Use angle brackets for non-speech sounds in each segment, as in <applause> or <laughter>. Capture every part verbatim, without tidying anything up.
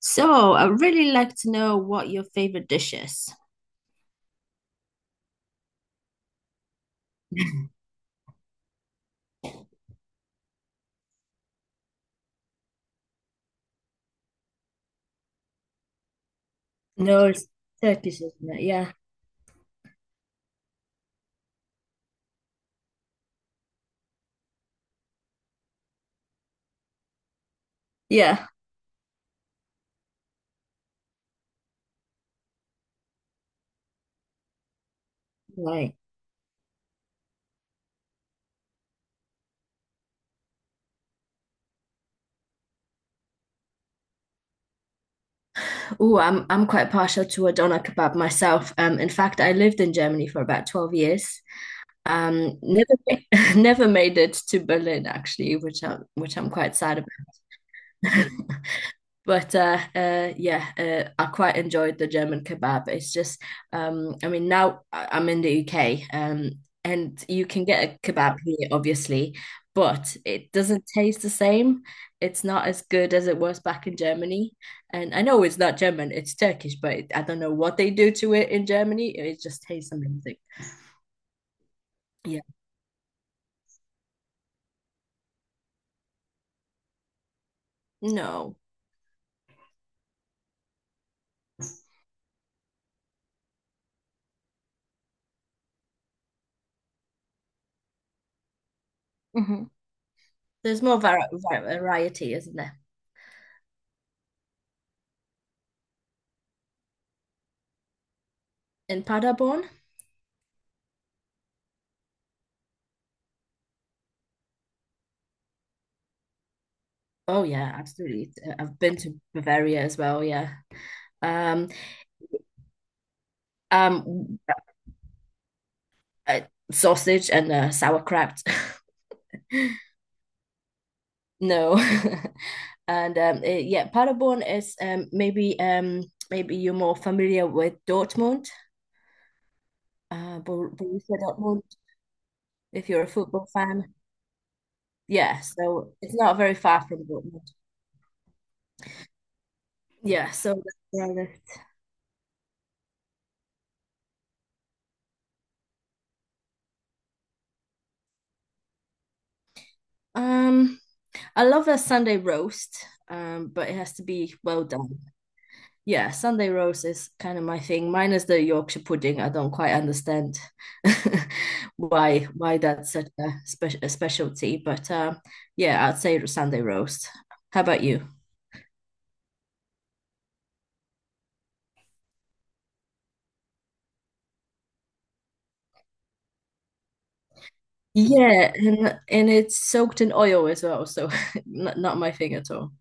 So I really like to know what your favorite dish is. No, it's Turkish, isn't it? Yeah. Yeah. Right. Oh, I'm I'm quite partial to a doner kebab myself. Um, in fact, I lived in Germany for about twelve years. Um, never <laughs> never made it to Berlin actually, which I'm which I'm quite sad about. <laughs> But uh, uh, yeah, uh, I quite enjoyed the German kebab. It's just, um, I mean, now I- I'm in the U K, um, and you can get a kebab here, obviously, but it doesn't taste the same. It's not as good as it was back in Germany. And I know it's not German, it's Turkish, but it, I don't know what they do to it in Germany. It just tastes amazing. Yeah. No, hmm there's more var var variety, isn't there? In Paderborn? Oh yeah, absolutely. Uh, I've been to Bavaria as well, yeah. Um, um, uh, Sausage and uh, sauerkraut. <laughs> No. <laughs> And um, eh, yeah, Paderborn is um maybe um maybe you're more familiar with Dortmund, uh Bor- Borussia Dortmund, if you're a football fan. Yeah, so it's not very far from Dortmund. Yeah, so that's where I live. Um, I love a Sunday roast, um, but it has to be well done. Yeah, Sunday roast is kind of my thing. Minus the Yorkshire pudding, I don't quite understand <laughs> why why that's such a, spe a specialty. But um, yeah, I'd say Sunday roast. How about you? Yeah, and and it's soaked in oil as well, so <laughs> not, not my thing at all.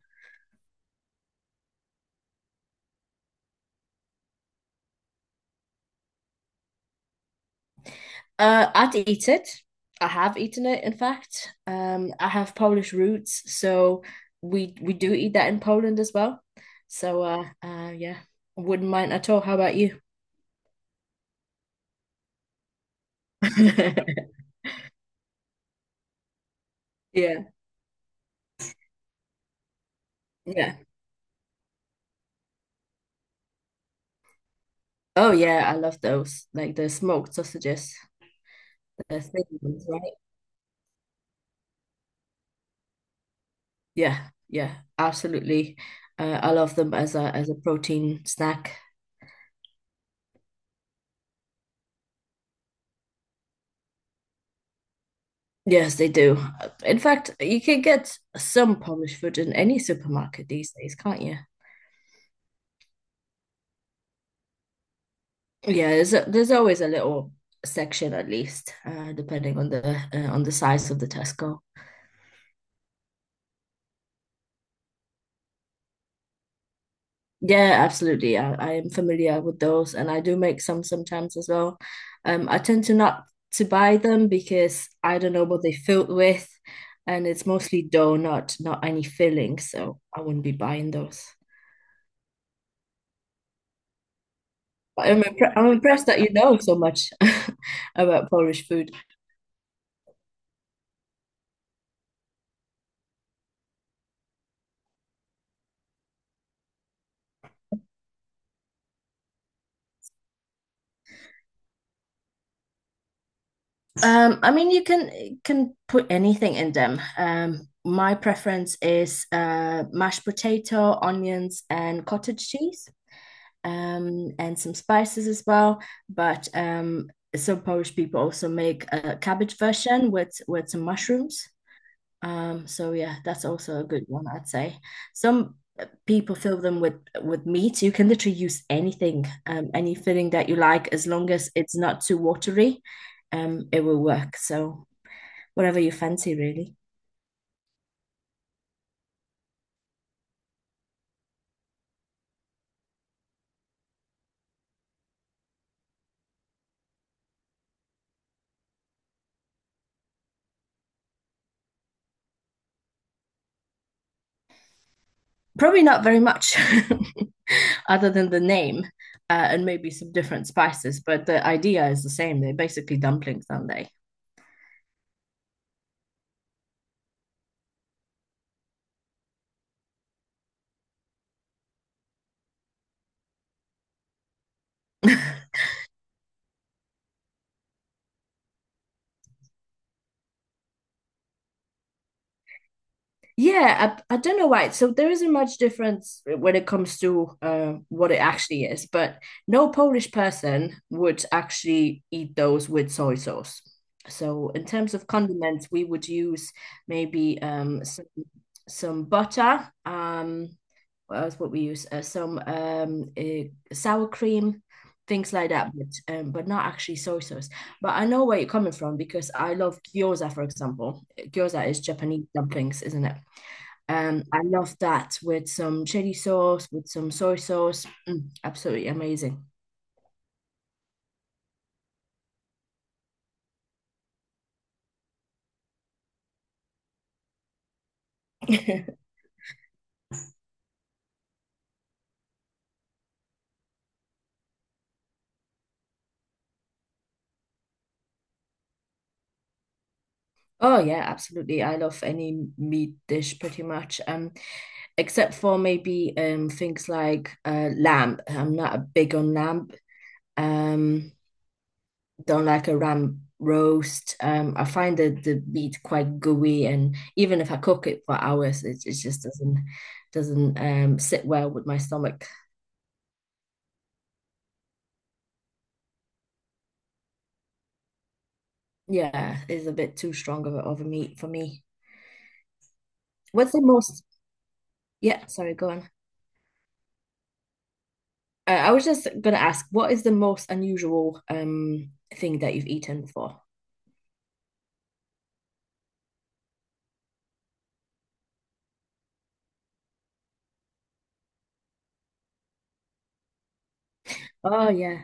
Uh, I'd eat it. I have eaten it, in fact. Um, I have Polish roots, so we we do eat that in Poland as well. So uh, uh, yeah, wouldn't mind at all. How about you? <laughs> Yeah, yeah. Oh yeah, I love those. Like the smoked sausages, the thin ones, right? Yeah, yeah, absolutely. Uh, I love them as a as a protein snack. Yes, they do. Uh, In fact, you can get some Polish food in any supermarket these days, can't you? Yeah, there's a, there's always a little section at least, uh, depending on the uh, on the size of the Tesco. Yeah, absolutely. I, I am familiar with those, and I do make some sometimes as well. Um, I tend to not to buy them because I don't know what they filled with, and it's mostly dough, not not any filling, so I wouldn't be buying those. But I'm impre I'm impressed that you know so much <laughs> about Polish food. Um, I mean, you can can put anything in them. Um, my preference is uh, mashed potato, onions, and cottage cheese, um, and some spices as well. But um, some Polish people also make a cabbage version with with some mushrooms. Um, so yeah, that's also a good one, I'd say. Some people fill them with with meat. You can literally use anything, um, any filling that you like, as long as it's not too watery. Um, it will work. So whatever you fancy, really. Probably not very much <laughs> other than the name uh, and maybe some different spices, but the idea is the same. They're basically dumplings, aren't they? Yeah, I, I don't know why. So there isn't much difference when it comes to uh, what it actually is, but no Polish person would actually eat those with soy sauce. So in terms of condiments, we would use maybe um, some, some butter. Um, what else would we use? Uh, some um, uh, Sour cream, things like that, but um, but not actually soy sauce. But I know where you're coming from because I love gyoza, for example. Gyoza is Japanese dumplings, isn't it? Um, I love that with some chili sauce, with some soy sauce. Mm, absolutely amazing. <laughs> Oh yeah, absolutely. I love any meat dish pretty much. Um, except for maybe um things like uh lamb. I'm not a big on lamb. Um, don't like a lamb roast. Um, I find the the meat quite gooey, and even if I cook it for hours, it it just doesn't doesn't um sit well with my stomach. Yeah, it's a bit too strong of a, of a meat for me. What's the most, yeah, sorry, go on. Uh, I was just gonna ask, what is the most unusual um thing that you've eaten before? Oh yeah,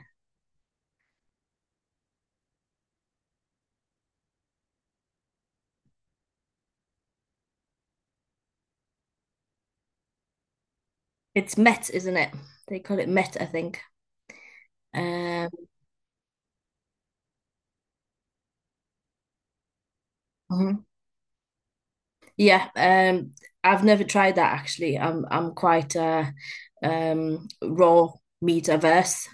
it's met, isn't it? They call it met, I think. Um, mhm. Yeah, um, I've never tried that actually. I'm I'm quite uh um raw meat averse,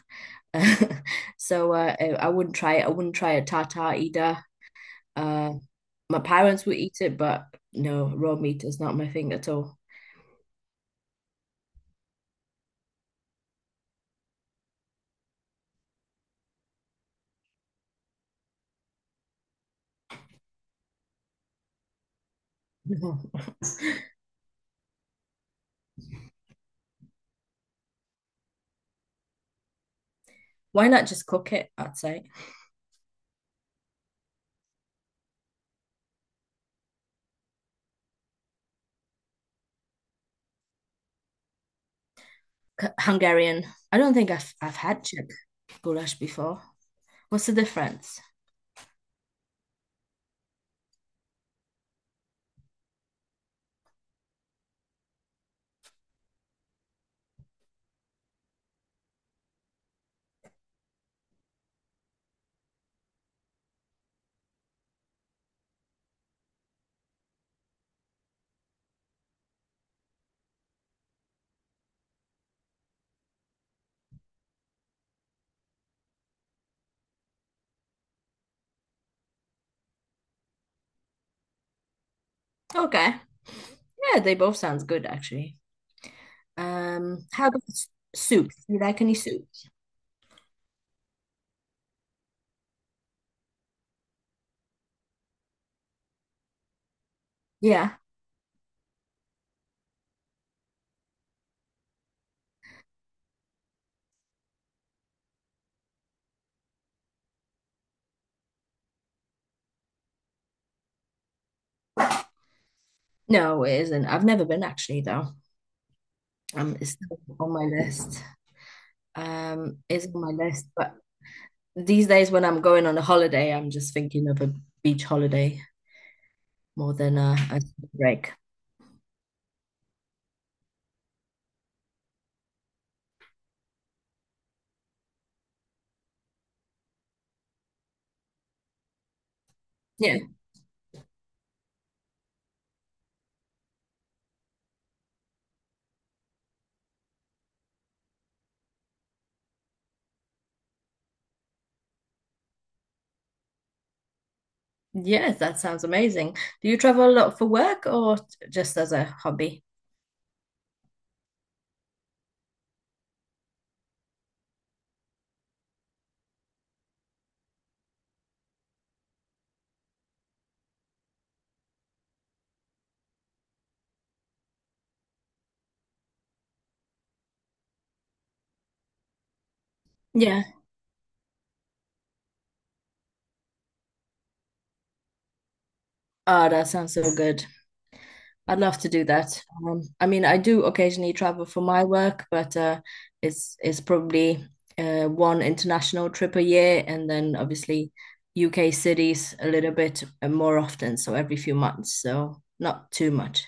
<laughs> so uh, I I wouldn't try it. I wouldn't try a tartar either. Uh, my parents would eat it, but no, raw meat is not my thing at all. No. <laughs> Why not just cook it? I'd say C- Hungarian. I don't think I've I've had Czech goulash before. What's the difference? Okay, yeah, they both sounds good actually. Um, how about s- soups? Do you like any soup? Yeah. No, it isn't. I've never been actually though. Um, it's still on my list. Um, it's on my list, but these days when I'm going on a holiday, I'm just thinking of a beach holiday more than a, a break. Yeah. Yes, that sounds amazing. Do you travel a lot for work or just as a hobby? Yeah. Oh, that sounds so good. I'd love to do that. Um, I mean, I do occasionally travel for my work, but uh, it's it's probably uh, one international trip a year, and then obviously U K cities a little bit uh, more often, so every few months, so not too much.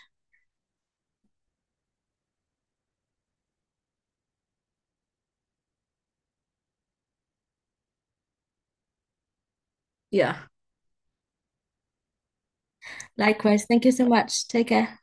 Yeah. Likewise. Thank you so much. Take care.